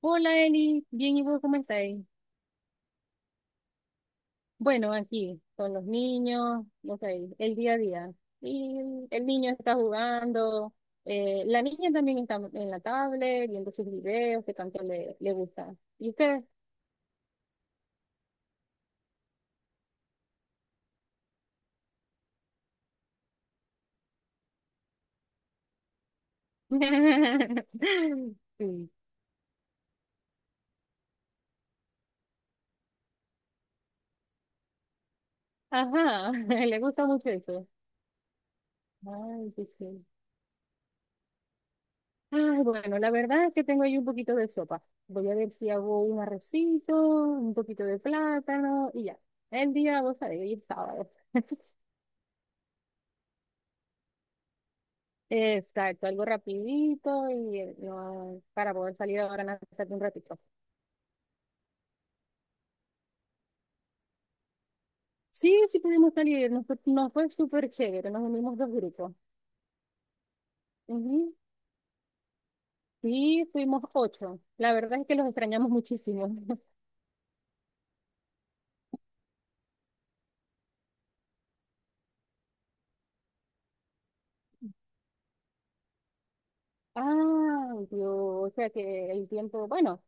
Hola Eli, bien y vos, ¿cómo estáis? Bueno, aquí con los niños, no sé, el día a día. Y el niño está jugando, la niña también está en la tablet viendo sus videos que tanto le gusta. ¿Y usted? Sí. Ajá, le gusta mucho eso. Ay, sí, sí. Ay, bueno, la verdad es que tengo ahí un poquito de sopa. Voy a ver si hago un arrocito, un poquito de plátano y ya. El día, vos sabés, hoy es sábado. Exacto, algo rapidito y no, para poder salir ahora en hasta un ratito. Sí, sí pudimos salir, nos fue súper chévere, nos unimos dos grupos. Ujú. Sí, fuimos ocho. La verdad es que los extrañamos muchísimo. Ah, Dios, o sea que el tiempo, bueno,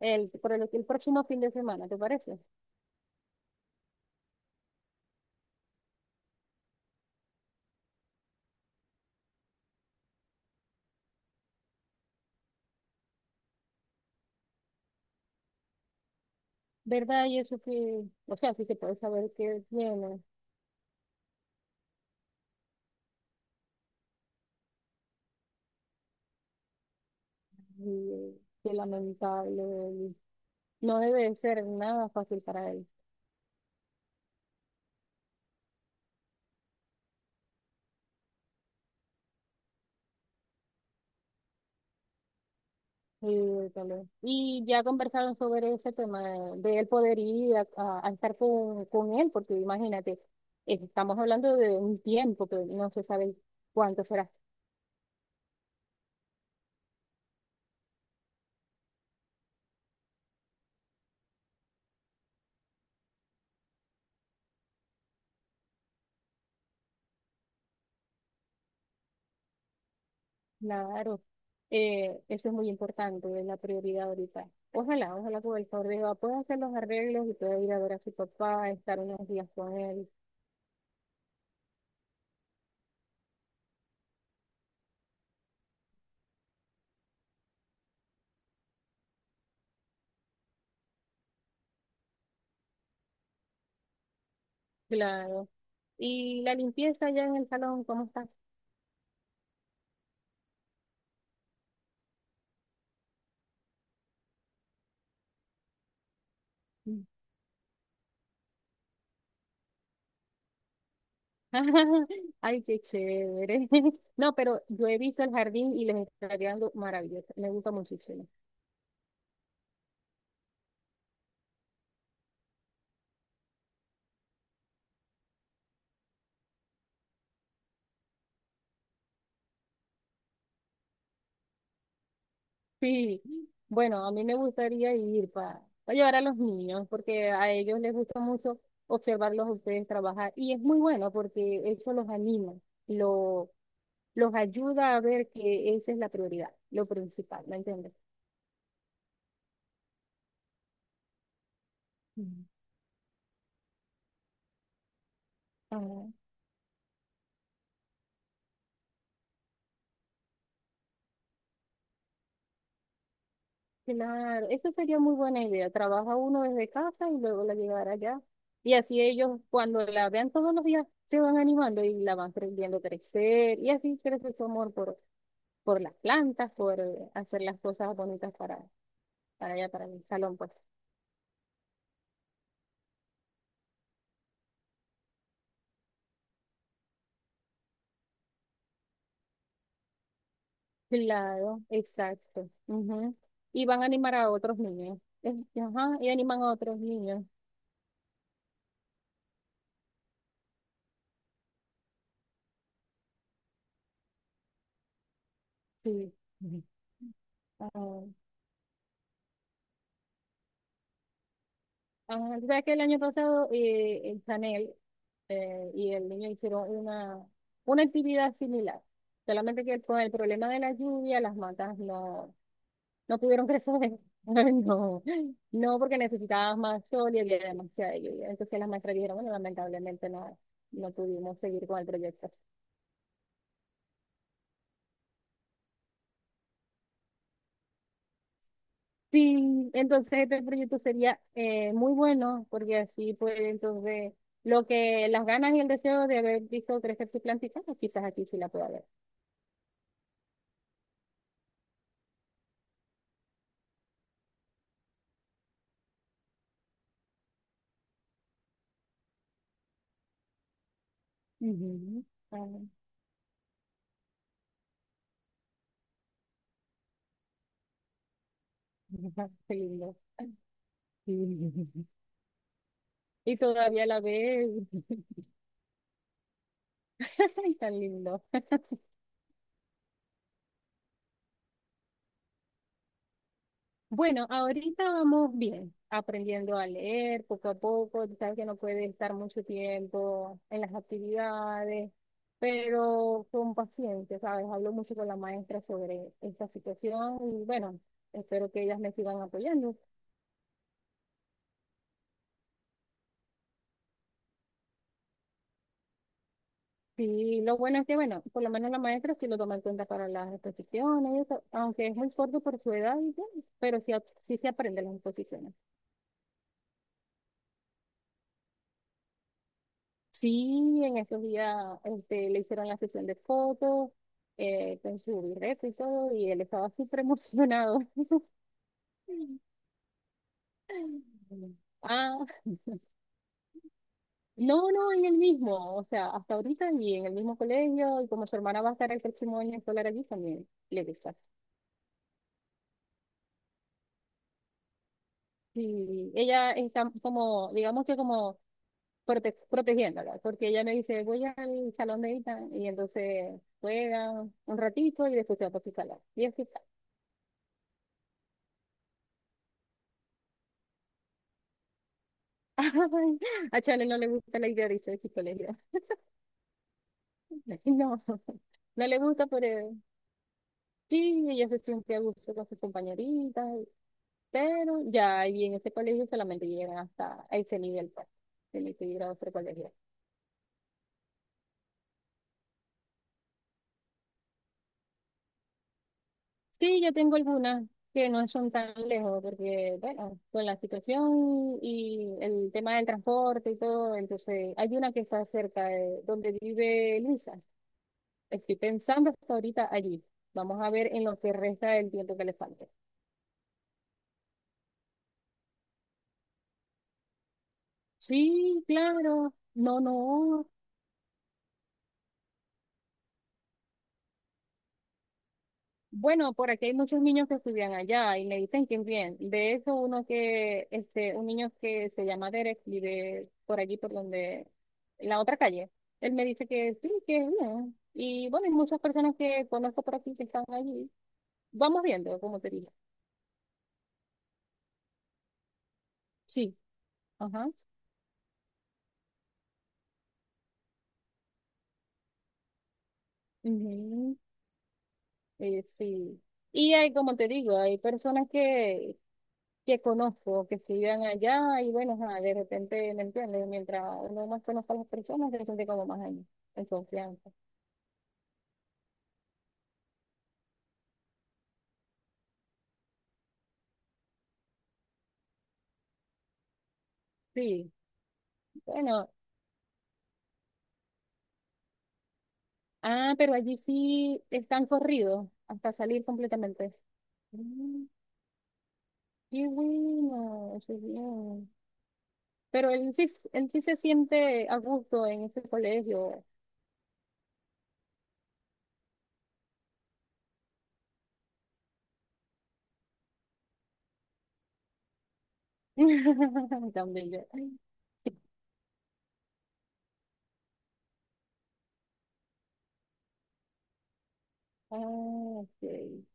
el próximo fin de semana, ¿te parece? ¿Verdad? Y eso que, o sea, sí se puede saber qué tiene, y, qué lamentable, y no debe de ser nada fácil para él. Sí, tal vez. Y ya conversaron sobre ese tema de él poder ir a estar con él, porque imagínate, estamos hablando de un tiempo que no se sabe cuánto será. Claro, eso es muy importante, es la prioridad ahorita. Ojalá, ojalá con el favor de Jehová pueda hacer los arreglos y pueda ir a ver a su papá, estar unos días con él. Claro. Y la limpieza ya en el salón, ¿cómo está? Ay, qué chévere. No, pero yo he visto el jardín y les está quedando maravilloso. Me gusta muchísimo. Sí. Bueno, a mí me gustaría ir para llevar a los niños, porque a ellos les gusta mucho observarlos a ustedes trabajar. Y es muy bueno porque eso los anima, lo, los ayuda a ver que esa es la prioridad, lo principal, ¿me entiendes? Mm. Ah, claro, esa sería muy buena idea. Trabaja uno desde casa y luego la llevará allá. Y así ellos, cuando la vean todos los días, se van animando y la van viendo crecer. Y así crece su amor por las plantas, por hacer las cosas bonitas para allá, para el salón, pues. Claro, exacto. Ujú. Y van a animar a otros niños. Eh, Ajá, y animan a otros niños. Sí. Ujú. Ah, ajá, tú sabes que el año pasado el Chanel y el niño hicieron una actividad similar. Solamente que con el problema de la lluvia, las matas no, no pudieron crecer. No, no, porque necesitaban más sol y había demasiada lluvia. Entonces las maestras dijeron, bueno, lamentablemente no, no pudimos seguir con el proyecto. Sí, entonces este proyecto sería muy bueno, porque así pues entonces lo que las ganas y el deseo de haber visto crecer sus plantitas pues quizás aquí sí la pueda ver. Ujú. Ah, qué lindo. Sí. Y todavía la ves. Ay, tan lindo. Bueno, ahorita vamos bien, aprendiendo a leer poco a poco. Tú sabes que no puede estar mucho tiempo en las actividades, pero con paciencia, ¿sabes? Hablo mucho con la maestra sobre esta situación y bueno, espero que ellas me sigan apoyando. Y lo bueno es que, bueno, por lo menos la maestra sí lo toma en cuenta para las exposiciones, y eso, aunque es muy corto por su edad, y todo, pero sí, sí se aprende las exposiciones. Sí, en estos días este, le hicieron la sesión de fotos con su birrete y todo, y él estaba súper emocionado. Ah, no, no, en el mismo, o sea, hasta ahorita y en el mismo colegio, y como su hermana va a estar el próximo año escolar allí, también le gusta. Sí, ella está como, digamos que como protegiéndola, porque ella me dice, voy al salón de Ita, y entonces juegan un ratito y después se va para su salón. Y así, ay, a Chale no le gusta la idea de irse de psicología. No, no le gusta, pero sí, ella se siente a gusto con sus compañeritas, pero ya ahí en ese colegio solamente llegan hasta ese nivel, pues, tiene que ir a otro colegio. Sí, yo tengo algunas que no son tan lejos, porque, bueno, con la situación y el tema del transporte y todo, entonces hay una que está cerca de donde vive Luisa. Estoy pensando hasta ahorita allí. Vamos a ver en lo que resta del tiempo que le falte. Sí, claro. No, no. Bueno, por aquí hay muchos niños que estudian allá y me dicen que bien. De hecho, uno que, este, un niño que se llama Derek vive por allí, por donde, en la otra calle. Él me dice que sí, que es bien. Y bueno, hay muchas personas que conozco por aquí que están allí. Vamos viendo, como te digo. Sí. Ajá. Ujú. Sí. Y hay, como te digo, hay personas que conozco, que se iban allá y bueno, ajá, de repente, ¿me entiendes? Mientras uno más conozca a las personas, se siente como más en confianza. Sí, bueno, ah, pero allí sí están corridos hasta salir completamente. Mm, qué bueno, qué bien. Pero él sí se siente a gusto en este colegio. Tan bello. Sí. Ah, ok.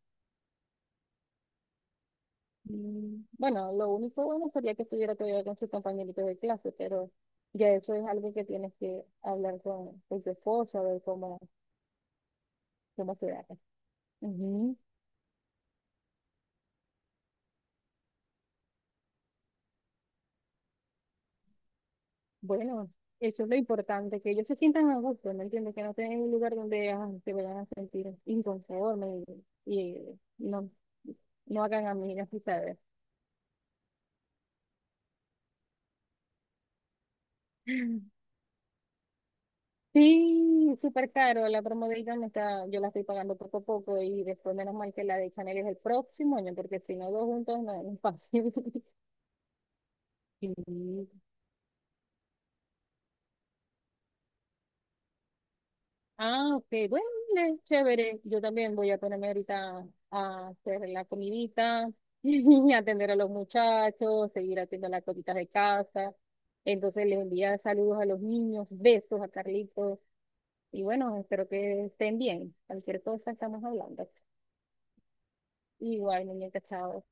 Mm, bueno, lo único bueno sería que estuviera todavía con sus compañeritos de clase, pero ya eso es algo que tienes que hablar con tu esposo, a ver cómo, cómo se da. Ujú. Bueno, eso es lo importante, que ellos se sientan a gusto, ¿me entiendes? Que no estén en un lugar donde ah, se vayan a sentir inconformes y, y no, no hagan amigas, ¿sabes? Sí, súper caro. La promo de Avon está, yo la estoy pagando poco a poco y después menos mal que la de Chanel es el próximo año, porque si no, dos juntos no es fácil. Sí. Ah, ok, bueno, es chévere. Yo también voy a ponerme ahorita a hacer la comidita, y atender a los muchachos, seguir haciendo las cositas de casa. Entonces les envía saludos a los niños, besos a Carlitos y bueno, espero que estén bien. Cualquier cosa estamos hablando. Igual, muñeca, chao.